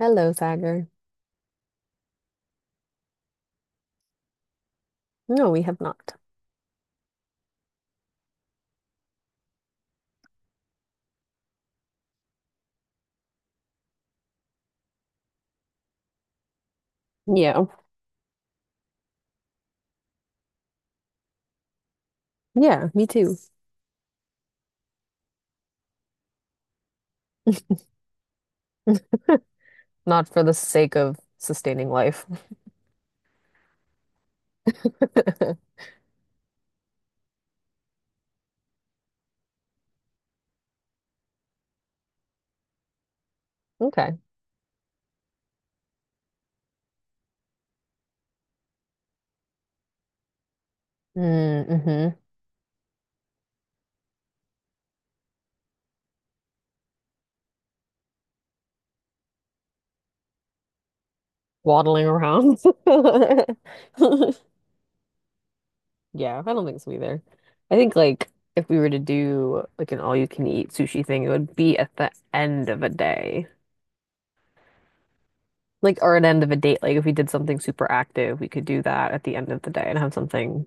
Hello, Sagar. No, we have not. Yeah. Yeah, me too. Not for the sake of sustaining life. Okay. Mm-hmm. Waddling around. Yeah, I don't think so either. I think like if we were to do like an all-you-can-eat sushi thing, it would be at the end of a day. Like or an end of a date. Like if we did something super active, we could do that at the end of the day and have something.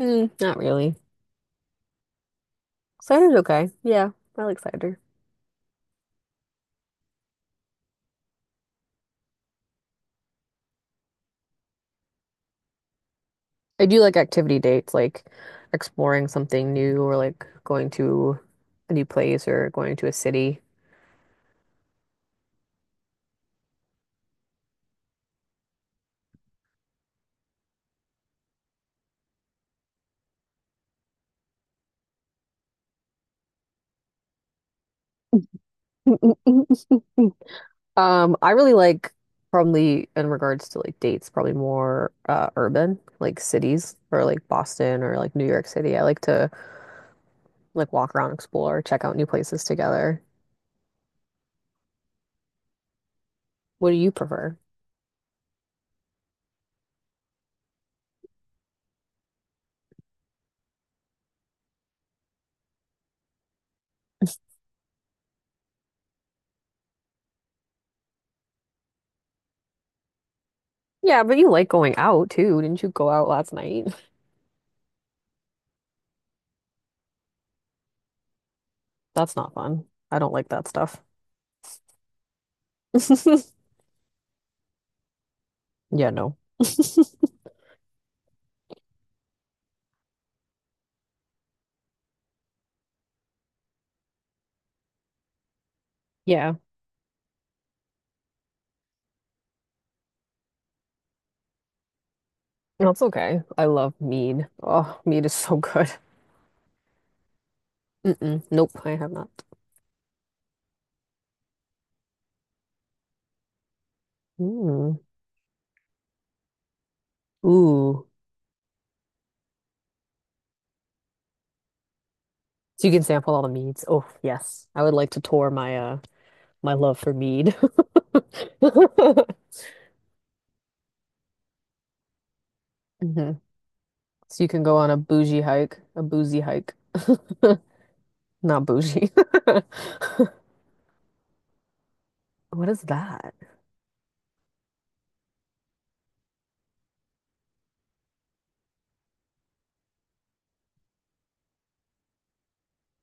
Mm, not really. Cider's okay. Yeah, I like cider. I do like activity dates, like exploring something new or like going to a new place or going to a city. I really like probably in regards to like dates, probably more urban, like cities or like Boston or like New York City. I like to like walk around, explore, check out new places together. What do you prefer? Yeah, but you like going out too. Didn't you go out last night? That's not fun. I don't like that stuff. Yeah, no. Yeah. That's okay. I love mead. Oh, mead is so good. Mm-mm. Nope, I have not. Mm. Ooh. So you can sample all the meads. Oh, yes. I would like to tour my love for mead. Hmm. So you can go on a bougie hike, a boozy hike. Not bougie. What is that?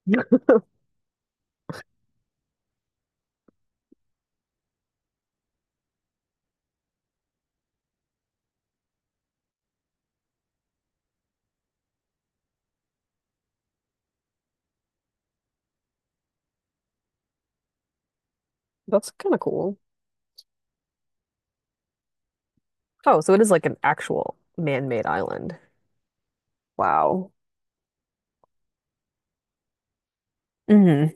That's kind of cool. Oh, so it is like an actual man-made island. Wow. Hmm.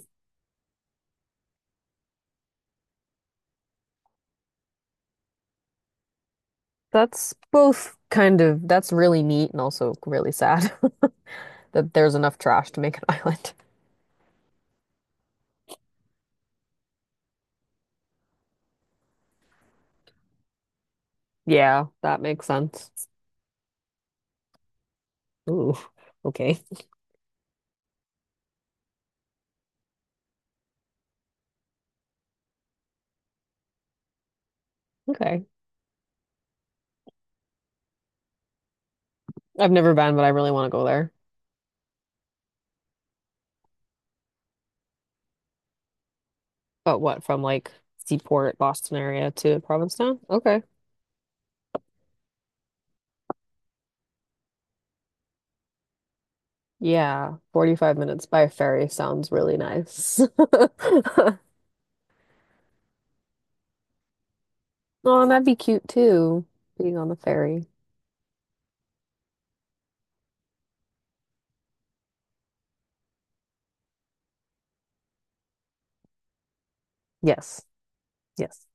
That's both kind of — that's really neat and also really sad that there's enough trash to make an island. Yeah, that makes sense. Ooh, okay. Okay. I've never been, but I really want to go there. But what, from like Seaport, Boston area to Provincetown? Okay. Yeah, 45 minutes by ferry sounds really nice. Oh, and that'd be cute too, being on the ferry. Yes. Yes.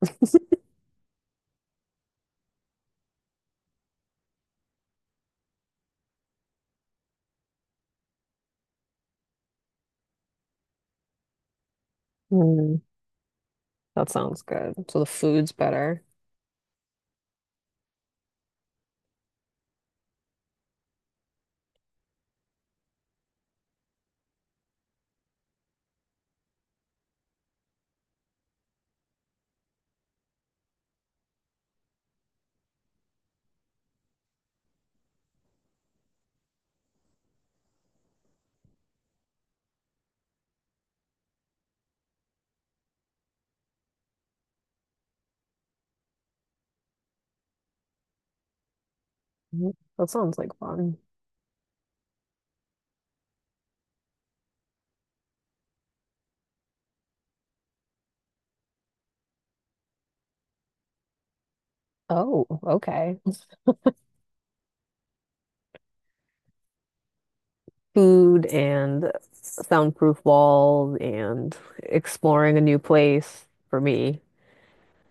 Mm, that sounds good. So the food's better. Mhm. That sounds like fun. Oh, okay. Food and soundproof walls and exploring a new place for me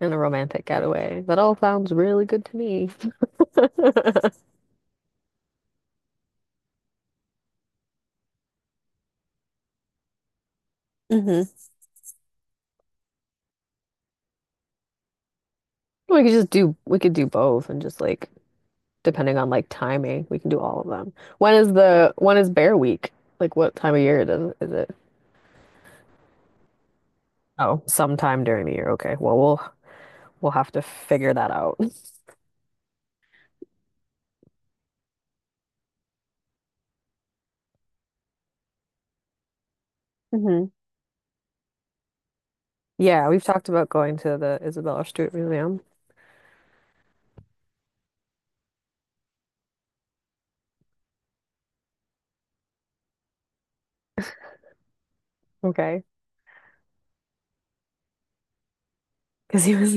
and a romantic getaway. That all sounds really good to me. Hmm. We could do both and just like depending on like timing, we can do all of them. When is Bear Week? Like what time of year it is it? Oh, sometime during the year. Okay. Well, we'll have to figure that out. Hmm. Yeah, we've talked about going to the Isabella Stewart Museum. Okay. Because he was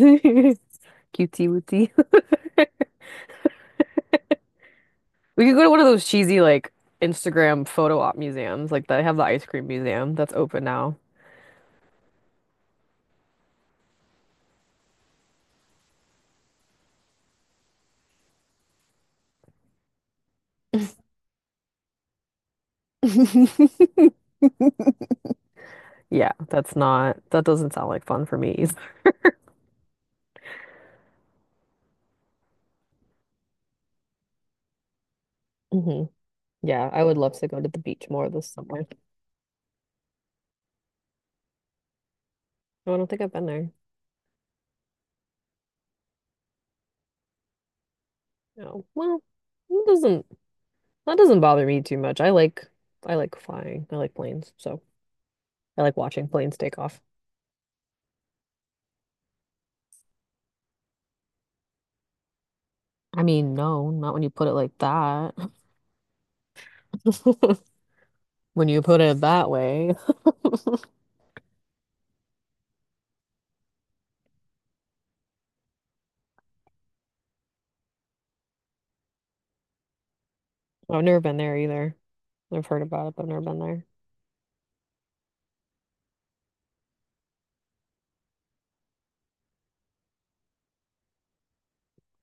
cutie wootie. We could go to one of those cheesy like Instagram photo op museums, like they have the ice cream museum that's open now. Yeah, that doesn't sound like fun for me either. Hmm. Yeah, I would love to go to the beach more this summer. No, I don't think I've been there. No. Well, it doesn't that doesn't bother me too much. I like flying. I like planes, so I like watching planes take off. I mean, no, not when you put it like that. When you put it that way. I've never been there either. I've heard about it, but I've never been there.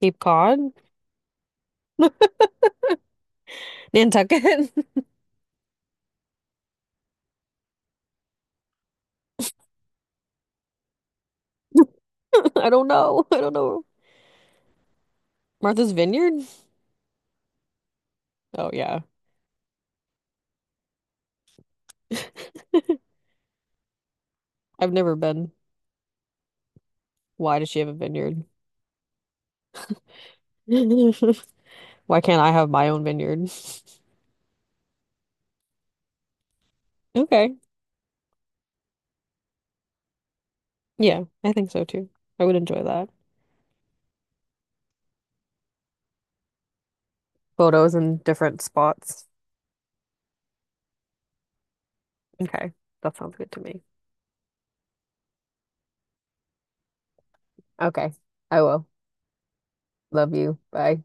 Cape Cod? Nantucket? I don't know. I don't know. Martha's Vineyard? Oh, yeah. I've never been. Why does she have a vineyard? Why can't I have my own vineyard? Okay. Yeah, I think so too. I would enjoy that. Photos in different spots. Okay. That sounds good to me. Okay. I will. Love you. Bye.